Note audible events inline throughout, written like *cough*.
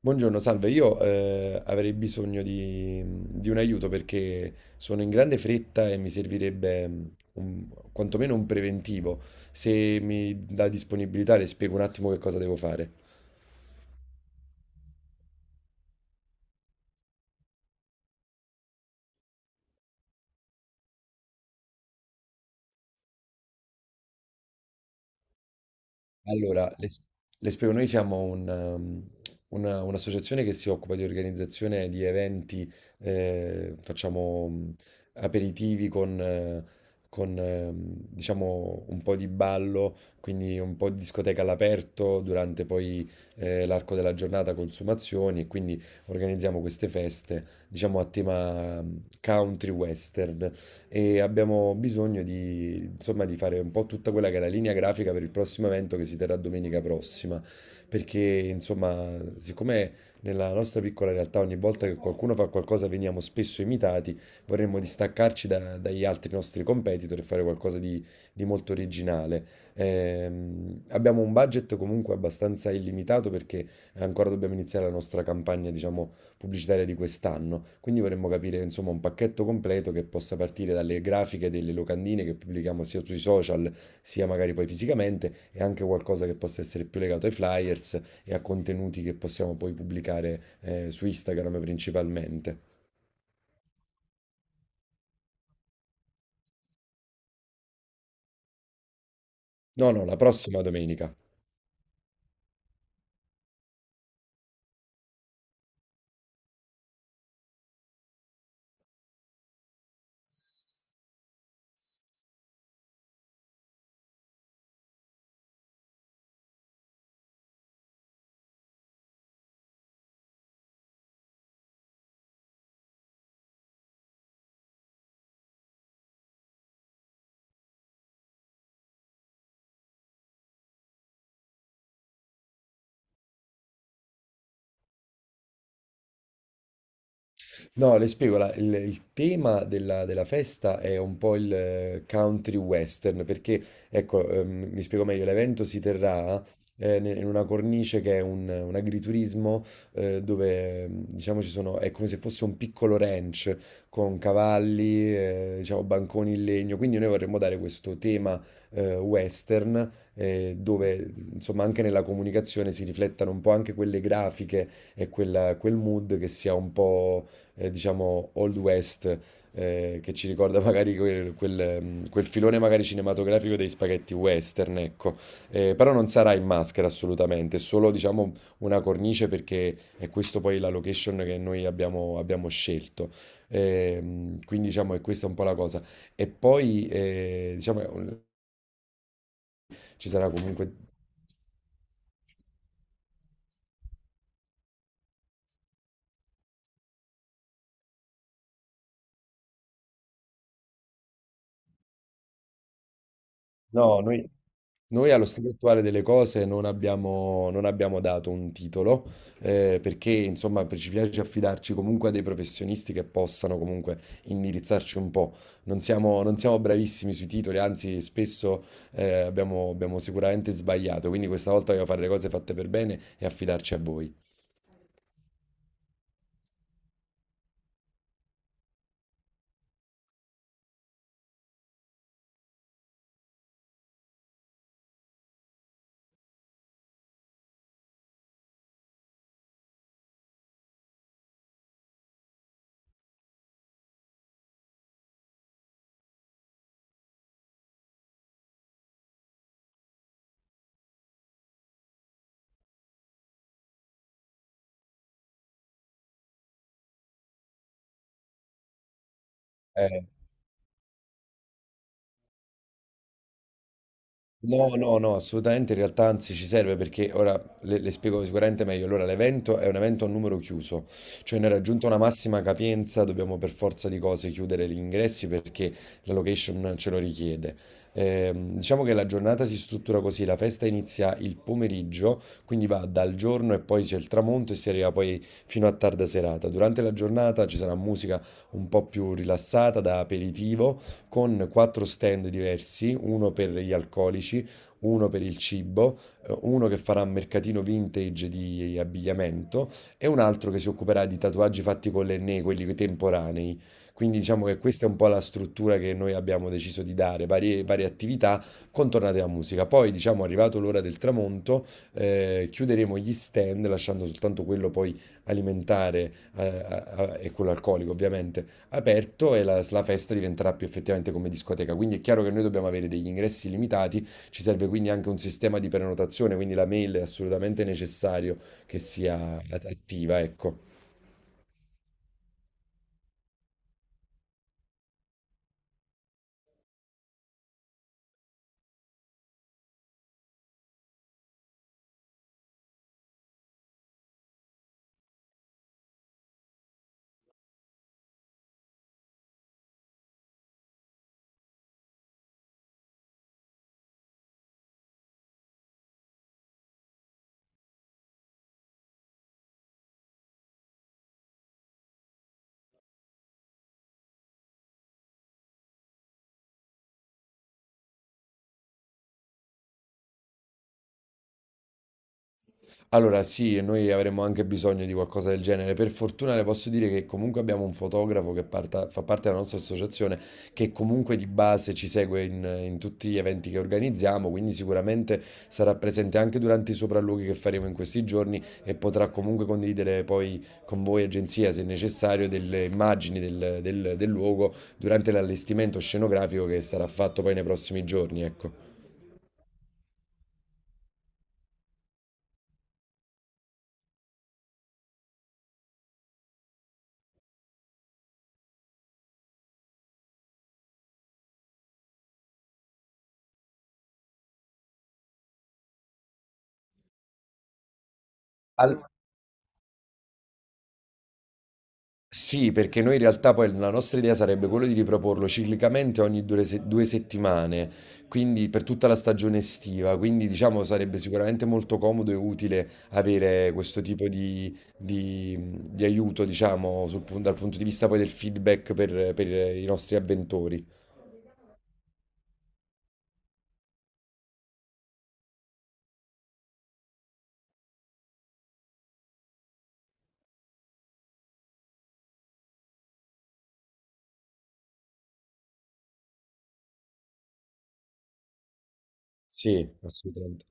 Buongiorno, salve. Io avrei bisogno di un aiuto perché sono in grande fretta e mi servirebbe quantomeno un preventivo. Se mi dà disponibilità, le spiego un attimo che cosa devo fare. Allora, le spiego, noi siamo un'associazione che si occupa di organizzazione di eventi, facciamo aperitivi con, diciamo, un po' di ballo, quindi un po' di discoteca all'aperto durante poi l'arco della giornata, consumazioni, e quindi organizziamo queste feste, diciamo, a tema country western e abbiamo bisogno di, insomma, di fare un po' tutta quella che è la linea grafica per il prossimo evento che si terrà domenica prossima, perché insomma, siccome nella nostra piccola realtà ogni volta che qualcuno fa qualcosa veniamo spesso imitati, vorremmo distaccarci dagli altri nostri competitor e fare qualcosa di molto originale. Abbiamo un budget comunque abbastanza illimitato perché ancora dobbiamo iniziare la nostra campagna, diciamo, pubblicitaria di quest'anno. Quindi vorremmo capire insomma un pacchetto completo che possa partire dalle grafiche delle locandine che pubblichiamo sia sui social sia magari poi fisicamente e anche qualcosa che possa essere più legato ai flyers e a contenuti che possiamo poi pubblicare su Instagram principalmente. No, no, la prossima domenica. No, le spiego, il tema della, della festa è un po' il country western, perché, ecco, mi spiego meglio, l'evento si terrà in una cornice che è un agriturismo dove, diciamo, ci sono, è come se fosse un piccolo ranch con cavalli, diciamo, banconi in legno, quindi noi vorremmo dare questo tema western dove, insomma, anche nella comunicazione si riflettano un po' anche quelle grafiche e quel mood che sia un po' diciamo, Old West, che ci ricorda *laughs* magari quel, quel filone magari cinematografico dei spaghetti western, ecco. Però non sarà in maschera assolutamente, è solo, diciamo, una cornice perché è questo poi la location che noi abbiamo scelto. Quindi, diciamo, è questa è un po' la cosa. E poi, diciamo, ci sarà comunque... No, noi... Noi allo stato attuale delle cose non abbiamo dato un titolo, perché insomma ci piace affidarci comunque a dei professionisti che possano comunque indirizzarci un po'. Non siamo bravissimi sui titoli, anzi spesso abbiamo sicuramente sbagliato, quindi questa volta voglio fare le cose fatte per bene e affidarci a voi. Eh, No, no, no, assolutamente in realtà anzi ci serve perché ora le spiego sicuramente meglio. Allora, l'evento è un evento a numero chiuso, cioè ne è raggiunta una massima capienza, dobbiamo per forza di cose chiudere gli ingressi perché la location ce lo richiede. Diciamo che la giornata si struttura così, la festa inizia il pomeriggio, quindi va dal giorno e poi c'è il tramonto e si arriva poi fino a tarda serata. Durante la giornata ci sarà musica un po' più rilassata da aperitivo con quattro stand diversi, uno per gli alcolici, uno per il cibo, uno che farà mercatino vintage di abbigliamento e un altro che si occuperà di tatuaggi fatti con l'Enné, quelli temporanei. Quindi diciamo che questa è un po' la struttura che noi abbiamo deciso di dare, varie attività contornate alla musica. Poi, diciamo, arrivato l'ora del tramonto, chiuderemo gli stand lasciando soltanto quello poi alimentare e quello alcolico, ovviamente aperto e la festa diventerà più effettivamente come discoteca. Quindi è chiaro che noi dobbiamo avere degli ingressi limitati, ci serve quindi anche un sistema di prenotazione, quindi la mail è assolutamente necessario che sia attiva, ecco. Allora, sì, e noi avremmo anche bisogno di qualcosa del genere. Per fortuna le posso dire che comunque abbiamo un fotografo che fa parte della nostra associazione, che comunque di base ci segue in tutti gli eventi che organizziamo, quindi sicuramente sarà presente anche durante i sopralluoghi che faremo in questi giorni e potrà comunque condividere poi con voi, agenzia, se necessario, delle immagini del luogo durante l'allestimento scenografico che sarà fatto poi nei prossimi giorni, ecco. Al- Sì, perché noi in realtà poi la nostra idea sarebbe quella di riproporlo ciclicamente ogni due, se- due settimane, quindi per tutta la stagione estiva, quindi diciamo sarebbe sicuramente molto comodo e utile avere questo tipo di aiuto, diciamo, dal punto di vista poi del feedback per i nostri avventori. Sì, assolutamente.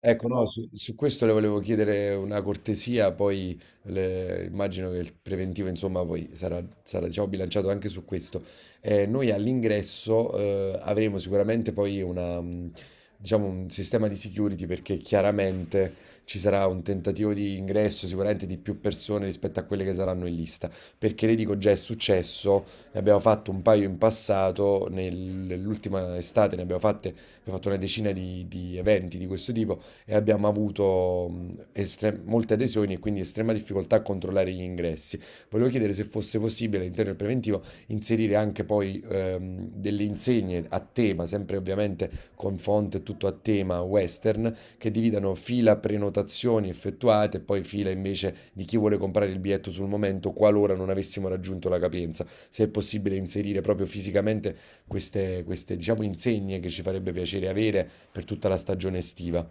Ecco, no, però su questo le volevo chiedere una cortesia, poi immagino che il preventivo, insomma, poi sarà, diciamo, bilanciato anche su questo. Noi all'ingresso avremo sicuramente poi una, diciamo, un sistema di security perché chiaramente ci sarà un tentativo di ingresso sicuramente di più persone rispetto a quelle che saranno in lista, perché le dico già è successo, ne abbiamo fatto un paio in passato, nell'ultima estate ne abbiamo fatto una decina di eventi di questo tipo e abbiamo avuto molte adesioni e quindi estrema difficoltà a controllare gli ingressi. Volevo chiedere se fosse possibile all'interno del preventivo inserire anche poi delle insegne a tema, sempre ovviamente con font e tutto a tema western, che dividano fila prenotazioni effettuate e poi fila invece di chi vuole comprare il biglietto sul momento qualora non avessimo raggiunto la capienza. Se è possibile inserire proprio fisicamente queste diciamo, insegne che ci farebbe piacere avere per tutta la stagione estiva.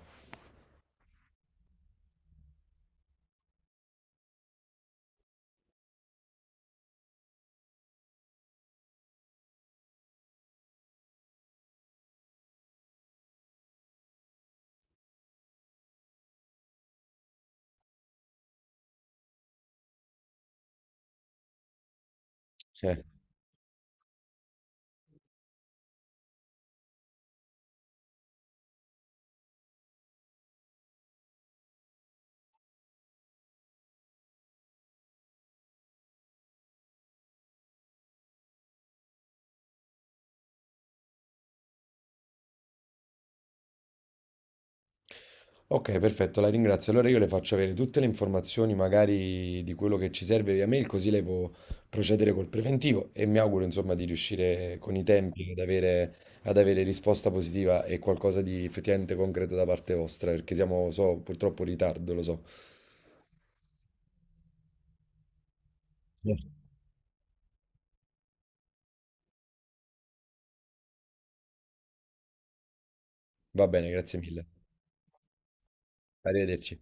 Eh. Ok, perfetto, la ringrazio. Allora io le faccio avere tutte le informazioni, magari di quello che ci serve via mail, così lei può procedere col preventivo e mi auguro, insomma, di riuscire con i tempi ad ad avere risposta positiva e qualcosa di effettivamente concreto da parte vostra, perché siamo, so, purtroppo in ritardo, lo so. Va bene, grazie mille. Arrivederci.